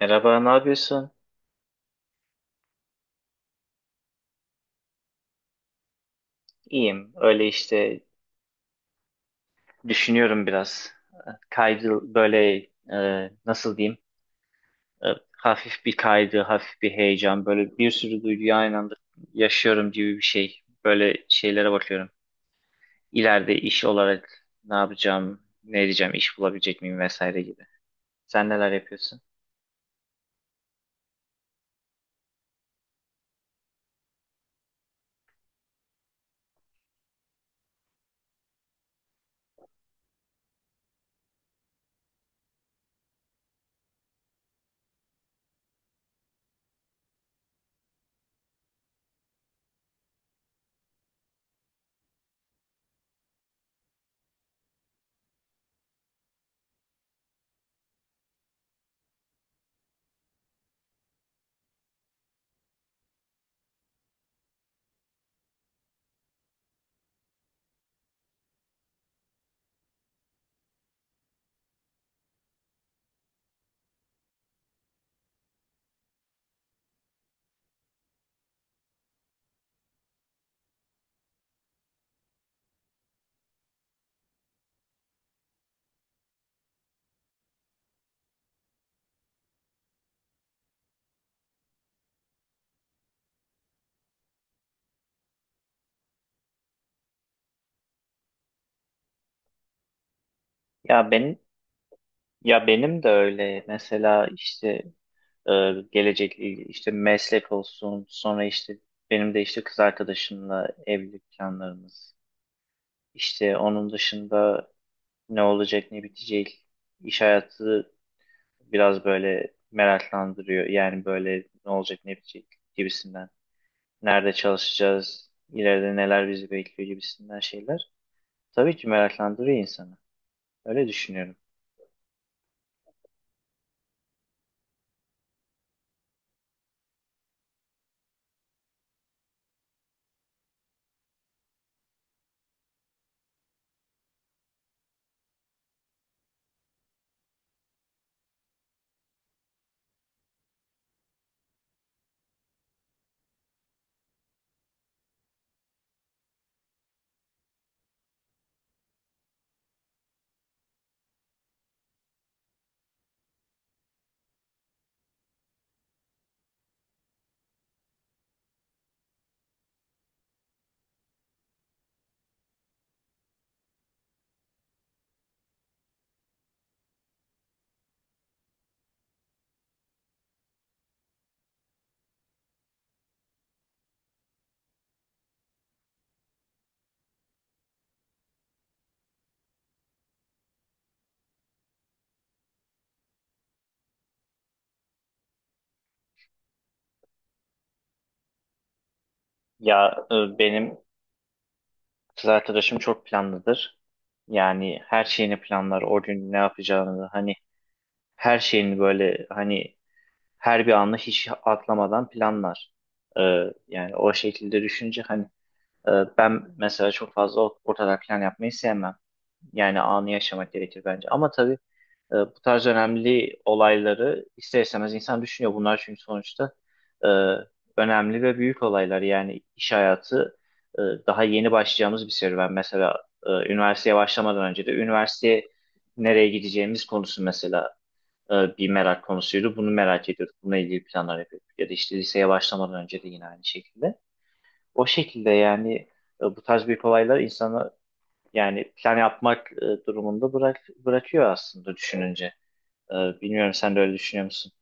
Merhaba, ne yapıyorsun? İyiyim. Öyle işte düşünüyorum biraz. Kaydı böyle nasıl diyeyim? E, Hafif bir kaydı, hafif bir heyecan. Böyle bir sürü duyguyu aynı anda yaşıyorum gibi bir şey. Böyle şeylere bakıyorum. İleride iş olarak ne yapacağım, ne edeceğim, iş bulabilecek miyim vesaire gibi. Sen neler yapıyorsun? Ya benim ya benim de öyle. Mesela işte e, gelecek, işte meslek olsun, sonra işte benim de işte kız arkadaşımla evlilik planlarımız, işte onun dışında ne olacak ne bitecek, iş hayatı biraz böyle meraklandırıyor yani. Böyle ne olacak ne bitecek gibisinden, nerede çalışacağız, ileride neler bizi bekliyor gibisinden şeyler tabii ki meraklandırıyor insanı, öyle düşünüyorum. Ya benim kız arkadaşım çok planlıdır. Yani her şeyini planlar. O gün ne yapacağını, hani her şeyini böyle, hani her bir anı hiç atlamadan planlar. Ee, Yani o şekilde düşünce hani, e, ben mesela çok fazla ortada plan yapmayı sevmem. Yani anı yaşamak gerekir bence. Ama tabii bu tarz önemli olayları ister istemez insan düşünüyor. Bunlar çünkü sonuçta e, önemli ve büyük olaylar. Yani iş hayatı e, daha yeni başlayacağımız bir serüven. Mesela üniversiteye başlamadan önce de üniversiteye nereye gideceğimiz konusu mesela bir merak konusuydu. Bunu merak ediyorduk. Bununla ilgili planlar yapıyorduk. Ya da işte liseye başlamadan önce de yine aynı şekilde. O şekilde yani, bu tarz büyük olaylar insanı, yani plan yapmak durumunda bırakıyor aslında düşününce. Bilmiyorum, sen de öyle düşünüyor musun?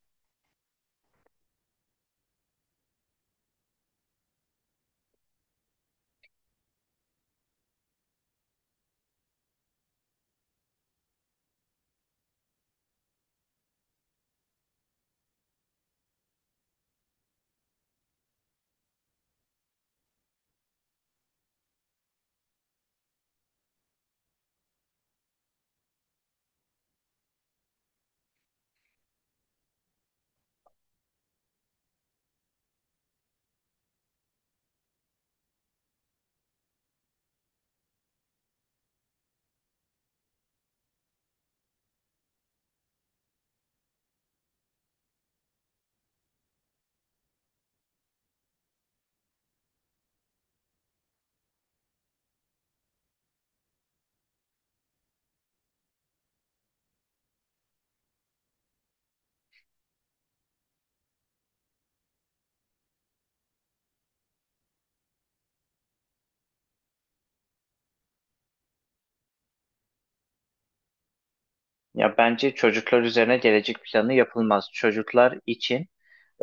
Ya bence çocuklar üzerine gelecek planı yapılmaz. Çocuklar için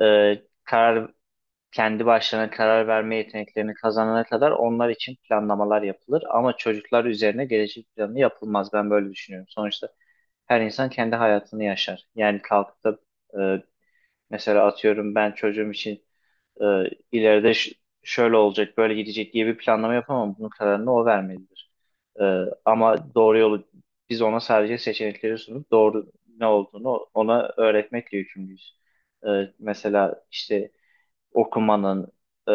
e, karar kendi başlarına karar verme yeteneklerini kazanana kadar onlar için planlamalar yapılır. Ama çocuklar üzerine gelecek planı yapılmaz. Ben böyle düşünüyorum. Sonuçta her insan kendi hayatını yaşar. Yani kalkıp da e, mesela atıyorum ben çocuğum için e, ileride şöyle olacak, böyle gidecek diye bir planlama yapamam. Bunun kararını o vermelidir. E, Ama doğru yolu biz ona sadece seçenekleri sunup doğru ne olduğunu ona öğretmekle yükümlüyüz. E, Mesela işte okumanın, e,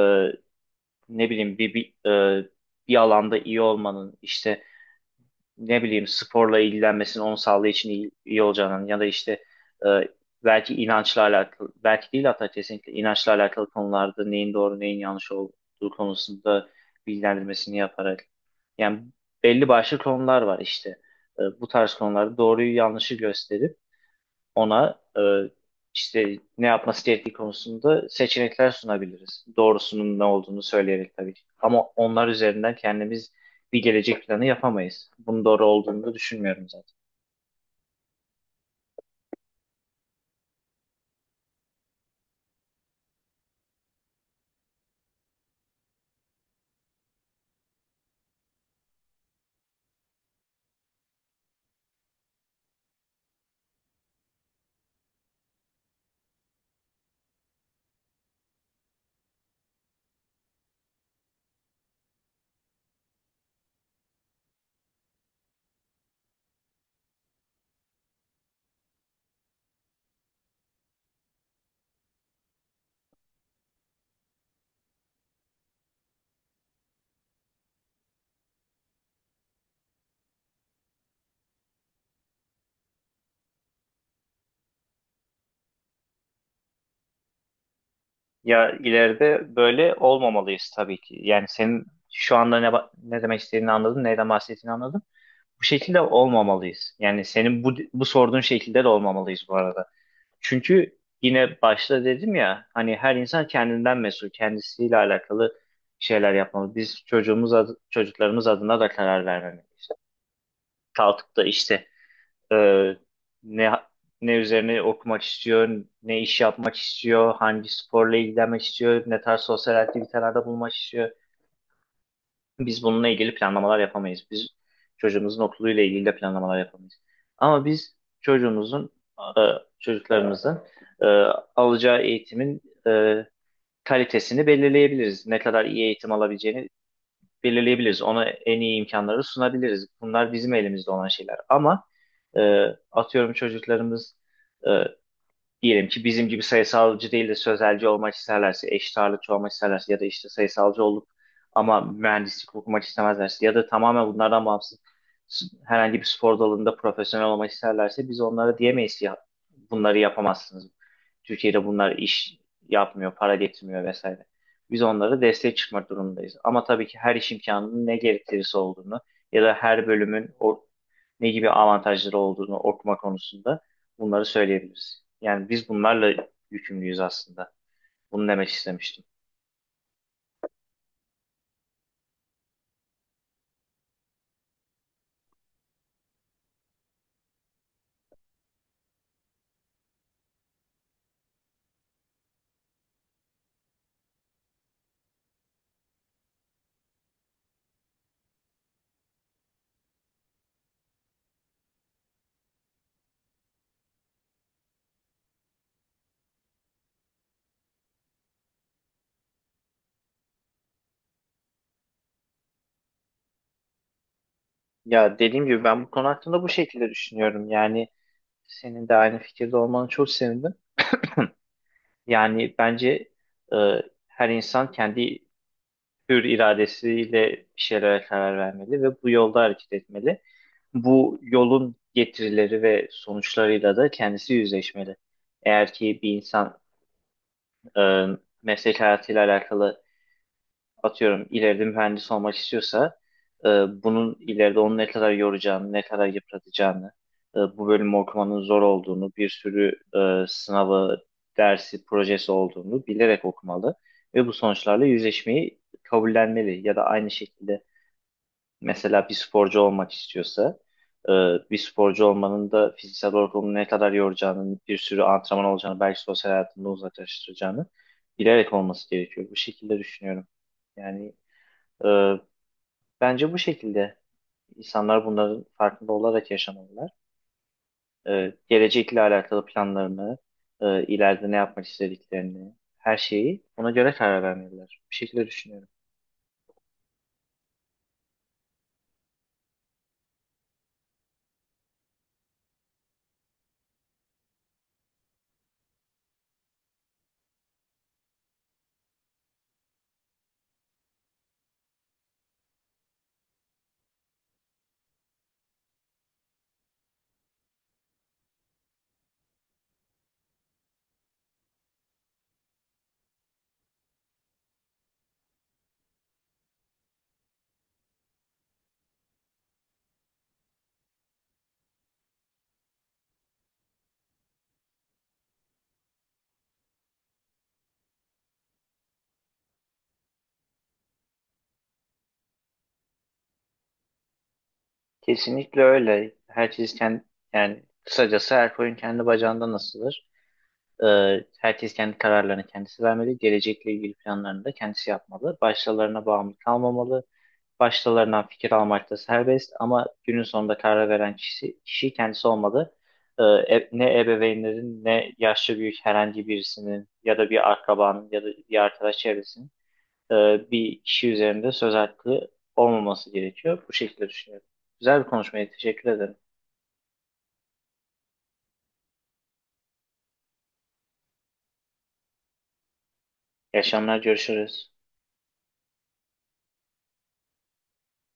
ne bileyim e, bir alanda iyi olmanın, işte ne bileyim sporla ilgilenmesinin onun sağlığı için iyi olacağının ya da işte e, belki inançla alakalı, belki değil, hatta kesinlikle inançla alakalı konularda neyin doğru neyin yanlış olduğu konusunda bilgilendirmesini yaparak, yani belli başlı konular var işte. Bu tarz konularda doğruyu yanlışı gösterip ona işte ne yapması gerektiği konusunda seçenekler sunabiliriz. Doğrusunun ne olduğunu söyleyerek tabii ki. Ama onlar üzerinden kendimiz bir gelecek planı yapamayız. Bunun doğru olduğunu da düşünmüyorum zaten. Ya ileride böyle olmamalıyız tabii ki. Yani senin şu anda ne demek istediğini anladım, neyden bahsettiğini anladım. Bu şekilde olmamalıyız. Yani senin bu sorduğun şekilde de olmamalıyız bu arada. Çünkü yine başta dedim ya, hani her insan kendinden mesul, kendisiyle alakalı şeyler yapmalı. Biz çocuklarımız adına da karar vermemeliyiz. Kalkıp da işte e, ne ne üzerine okumak istiyor, ne iş yapmak istiyor, hangi sporla ilgilenmek istiyor, ne tarz sosyal aktivitelerde bulunmak istiyor. Biz bununla ilgili planlamalar yapamayız. Biz çocuğumuzun okuluyla ilgili de planlamalar yapamayız. Ama biz çocuğumuzun, e, çocuklarımızın e, alacağı eğitimin e, kalitesini belirleyebiliriz. Ne kadar iyi eğitim alabileceğini belirleyebiliriz. Ona en iyi imkanları sunabiliriz. Bunlar bizim elimizde olan şeyler. Ama e, atıyorum çocuklarımız e, diyelim ki bizim gibi sayısalcı değil de sözelci olmak isterlerse, eşit ağırlıkçı olmak isterlerse ya da işte sayısalcı olup ama mühendislik okumak istemezlerse ya da tamamen bunlardan bağımsız herhangi bir spor dalında profesyonel olmak isterlerse, biz onlara diyemeyiz ki ya bunları yapamazsınız. Türkiye'de bunlar iş yapmıyor, para getirmiyor vesaire. Biz onlara destek çıkmak durumundayız. Ama tabii ki her iş imkanının ne gerektirisi olduğunu ya da her bölümün o ne gibi avantajları olduğunu, okuma konusunda bunları söyleyebiliriz. Yani biz bunlarla yükümlüyüz aslında. Bunu demek istemiştim. Ya dediğim gibi ben bu konu hakkında bu şekilde düşünüyorum. Yani senin de aynı fikirde olmanı çok sevindim. Yani bence e, her insan kendi hür iradesiyle bir şeylere karar vermeli ve bu yolda hareket etmeli. Bu yolun getirileri ve sonuçlarıyla da kendisi yüzleşmeli. Eğer ki bir insan e, meslek hayatıyla alakalı atıyorum ileride mühendis olmak istiyorsa e, bunun ileride onu ne kadar yoracağını, ne kadar yıpratacağını, bu bölümü okumanın zor olduğunu, bir sürü sınavı, dersi, projesi olduğunu bilerek okumalı ve bu sonuçlarla yüzleşmeyi kabullenmeli ya da aynı şekilde mesela bir sporcu olmak istiyorsa e, bir sporcu olmanın da fiziksel olarak onu ne kadar yoracağını, bir sürü antrenman olacağını, belki sosyal hayatında uzaklaştıracağını bilerek olması gerekiyor. Bu şekilde düşünüyorum. Yani ee, bence bu şekilde insanlar bunların farkında olarak yaşamalılar. Gelecekle alakalı planlarını, ileride ne yapmak istediklerini, her şeyi ona göre karar vermeliler. Bu şekilde düşünüyorum. Kesinlikle öyle. Herkes kendi, yani kısacası her koyun kendi bacağından asılır. Herkes kendi kararlarını kendisi vermeli. Gelecekle ilgili planlarını da kendisi yapmalı. Başkalarına bağımlı kalmamalı. Başkalarından fikir almak da serbest, ama günün sonunda karar veren kişi kendisi olmalı. Ne ebeveynlerin, ne yaşlı büyük herhangi birisinin ya da bir akrabanın ya da bir arkadaş çevresinin e, bir kişi üzerinde söz hakkı olmaması gerekiyor. Bu şekilde düşünüyorum. Güzel bir konuşmaydı. Teşekkür ederim. İyi akşamlar. Görüşürüz.